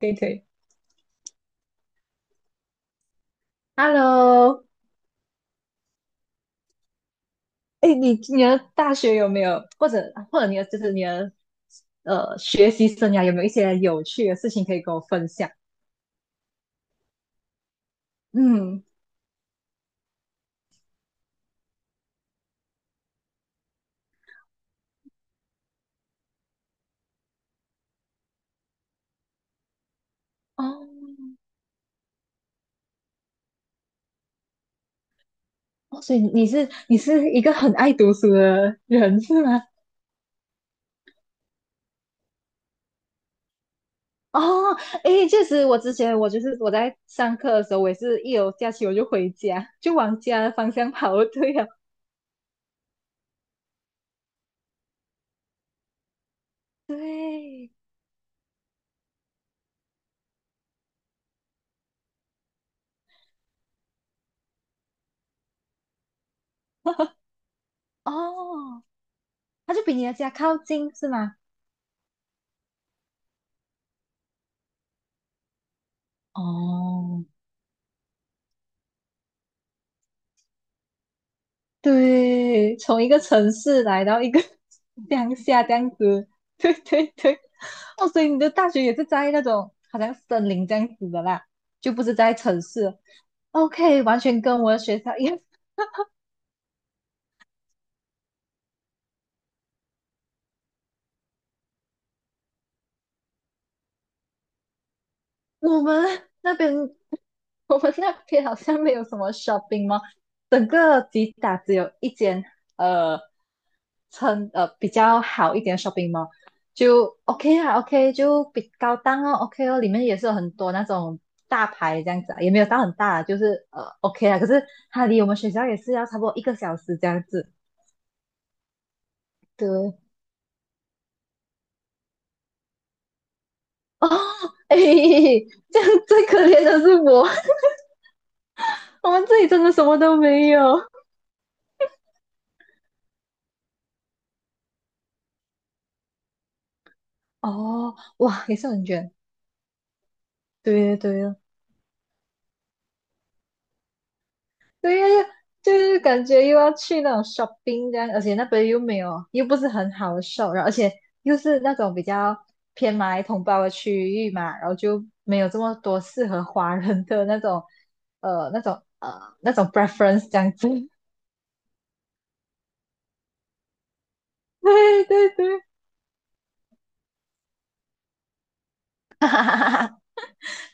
可以可以，Hello。哎，你的大学有没有，或者你的学习生涯有没有一些有趣的事情可以跟我分享？嗯。哦。哦，所以你是一个很爱读书的人是吗？哦。哎，确实，我之前我就是我在上课的时候，我也是一有假期我就回家，就往家的方向跑，对呀。对。哦，他就比你的家靠近是吗？哦，对，从一个城市来到一个 乡下这样子，对对对。哦，所以你的大学也是在那种好像森林这样子的啦，就不是在城市。OK，完全跟我的学校一样，我们那边，我们那边好像没有什么 shopping mall，整个吉打只有一间，呃，比较好一点的 shopping mall，就 OK 啊，OK 就比高档哦，OK 哦，里面也是有很多那种大牌这样子啊，也没有到很大啊，就是OK 啊，可是它离我们学校也是要差不多一个小时这样子。对。哦。哎，这样最可怜的是我，我们这里真的什么都没有。哦，哇，也是很远。对对对。对呀，就是感觉又要去那种 shopping 这样，而且那边又没有，又不是很好的 shop，然后而且又是那种比较偏马来同胞的区域嘛，然后就没有这么多适合华人的那种，呃，那种那种 preference 这样子。对对对。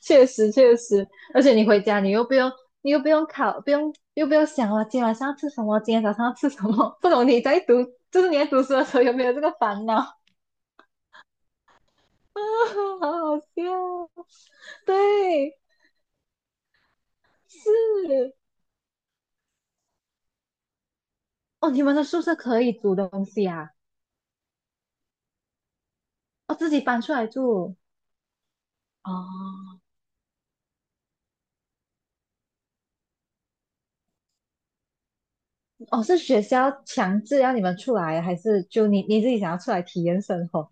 确实确实。而且你回家你又不用考，不用想我今天晚上要吃什么，今天早上要吃什么，不懂你在读，就是你在读书的时候有没有这个烦恼？啊。好好笑。对。是哦，你们的宿舍可以煮东西啊？哦，自己搬出来住。哦哦，是学校强制要你们出来，还是就你自己想要出来体验生活？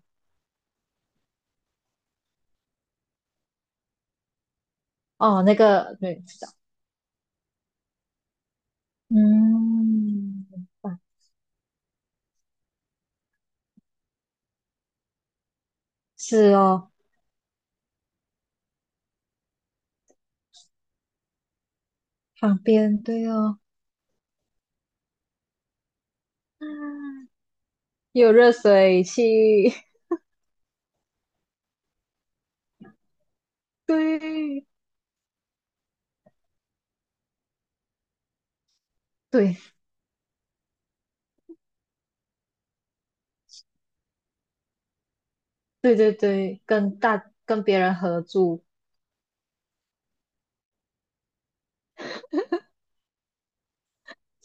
哦，那个对，知道。嗯。明白。是哦。旁边，对哦。嗯，有热水器。对对对对对。跟别人合住。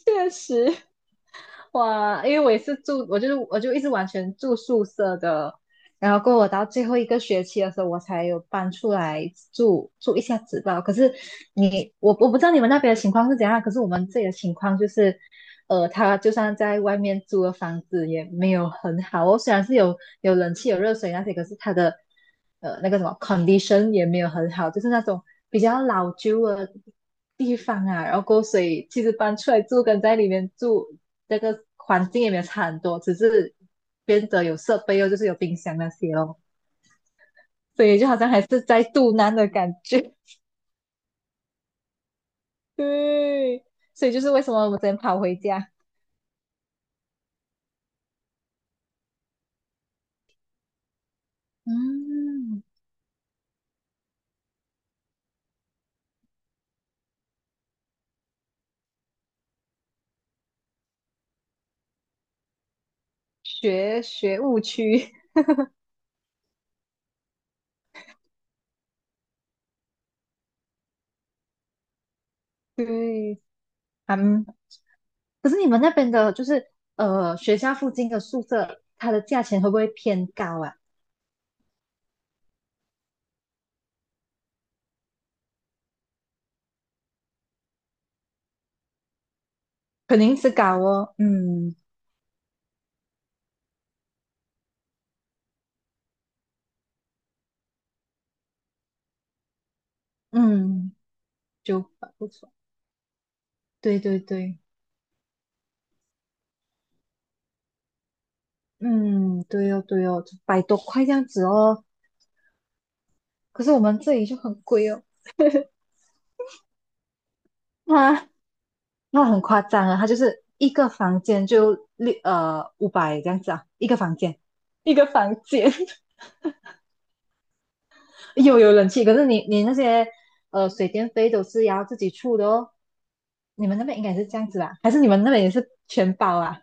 确实。哇，因为我也是住，我就是我就一直完全住宿舍的，然后过我到最后一个学期的时候，我才有搬出来住住一下子吧。可是我不知道你们那边的情况是怎样啊，可是我们这里的情况就是，他就算在外面租的房子也没有很好哦，虽然是有冷气、有热水那些，可是他的那个什么 condition 也没有很好，就是那种比较老旧的地方啊。然后过后所以其实搬出来住跟在里面住那个环境也没有差很多，只是变的有设备哦，就是有冰箱那些哦，所以就好像还是在肚腩的感觉。对。所以就是为什么我们只能跑回家。嗯。学务区。对。嗯。可是你们那边的，就是学校附近的宿舍，它的价钱会不会偏高啊？肯定是高哦。嗯嗯。就百不错。对对对。嗯。对哦对哦。百多块这样子哦，可是我们这里就很贵哦。啊。那很夸张啊，它就是一个房间就五百这样子啊，一个房间 有冷气，可是你那些水电费都是要自己出的哦。你们那边应该是这样子吧？还是你们那边也是全包啊？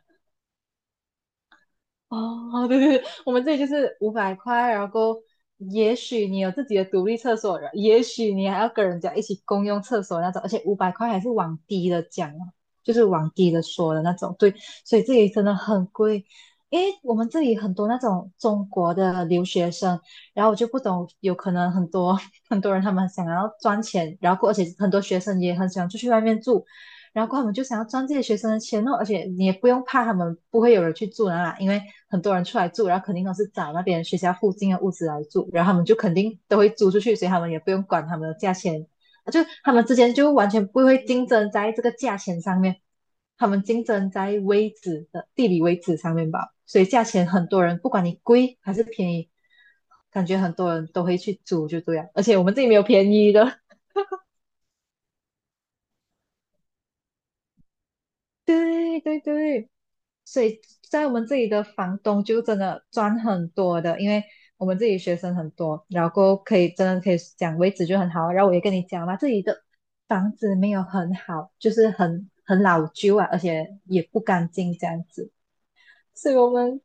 哦，对对对，我们这里就是五百块，然后也许你有自己的独立厕所，也许你还要跟人家一起共用厕所那种，而且五百块还是往低的讲哦，就是往低的说的那种。对。所以这里真的很贵，因为我们这里很多那种中国的留学生，然后我就不懂，有可能很多 很多人他们想要赚钱，然后而且很多学生也很喜欢出去外面住，然后他们就想要赚这些学生的钱哦，而且你也不用怕他们不会有人去住那啦，因为很多人出来住，然后肯定都是找那边学校附近的屋子来住，然后他们就肯定都会租出去，所以他们也不用管他们的价钱，就他们之间就完全不会竞争在这个价钱上面，他们竞争在位置的地理位置上面吧，所以价钱很多人不管你贵还是便宜，感觉很多人都会去租就这样，而且我们这里没有便宜的。对对对。所以在我们这里的房东就真的赚很多的，因为我们这里学生很多，然后可以真的可以讲位置就很好。然后我也跟你讲嘛，这里的房子没有很好，就是很老旧啊，而且也不干净这样子。所以我们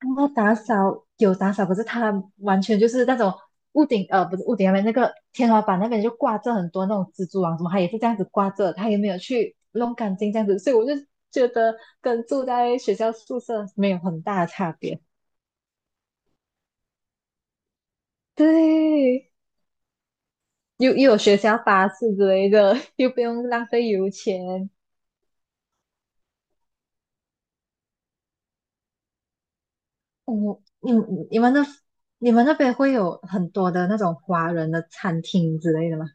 那后打扫有打扫，可是它完全就是那种屋顶，不是屋顶那边那个天花板那边就挂着很多那种蜘蛛网什么，它也是这样子挂着，它也没有去弄干净这样子，所以我就觉得跟住在学校宿舍没有很大的差别。对。又有学校巴士之类的，又不用浪费油钱。你你们那你们那边会有很多的那种华人的餐厅之类的吗？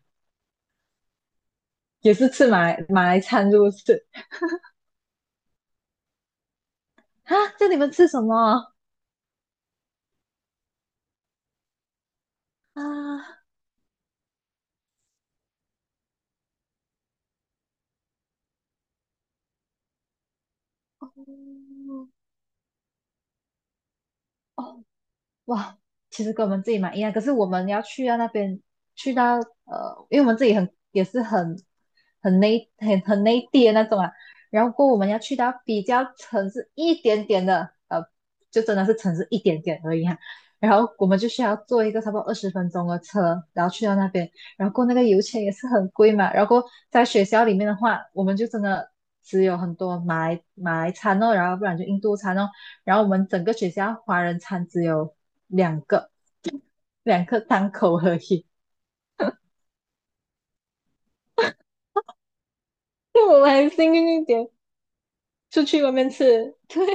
也是吃马来餐，是不是？啊，这你们吃什么？啊。嗯。哦。哇，其实跟我们自己蛮一样，可是我们要去到那边，去到因为我们自己也是很内地的那种啊，然后过后我们要去到比较城市一点点的，就真的是城市一点点而已啊。然后我们就需要坐一个差不多20分钟的车，然后去到那边，然后过后那个油钱也是很贵嘛。然后过后在学校里面的话，我们就真的只有很多马来餐哦，然后不然就印度餐哦。然后我们整个学校华人餐只有两个两个档口而已，就我们还幸运一点，出去外面吃。对。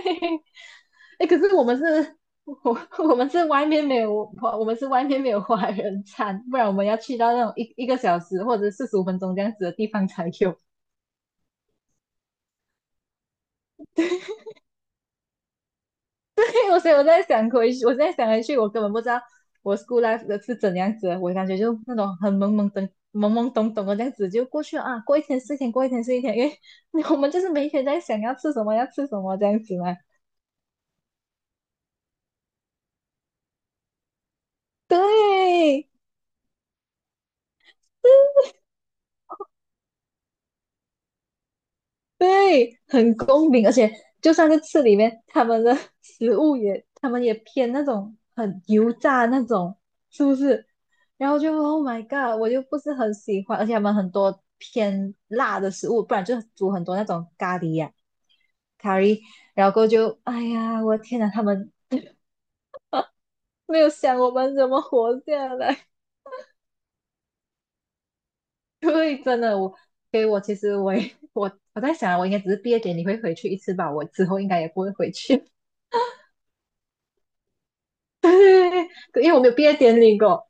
哎，可是我们是，我我们是外面没有华人餐，不然我们要去到那种一个小时或者45分钟这样子的地方才有。所以我在想回去，我现在想回去，我根本不知道我 school life 的是怎样子我感觉就那种很懵懵懂懂的这样子就过去了啊，过一天是一天，过一天是一天，因为我们就是每一天在想要吃什么，要吃什么这样子嘛。对。对。很公平，而且就算是吃里面，他们的 食物也，他们也偏那种很油炸那种，是不是？然后就 Oh my God，我就不是很喜欢，而且他们很多偏辣的食物，不然就煮很多那种咖喱呀、咖喱，然后过后就哎呀，我的天呐，他们没有想我们怎么活下来。对，真的，我其实我也我我在想，我应该只是毕业典礼会回去一次吧，我之后应该也不会回去。对对对对，因为我没有毕业典礼过，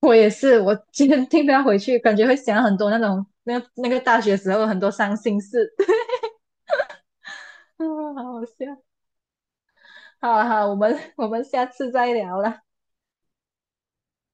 我也是，我今天听到回去，感觉会想很多那种那个大学时候很多伤心事，啊。好好笑。好啊好啊我们下次再聊了。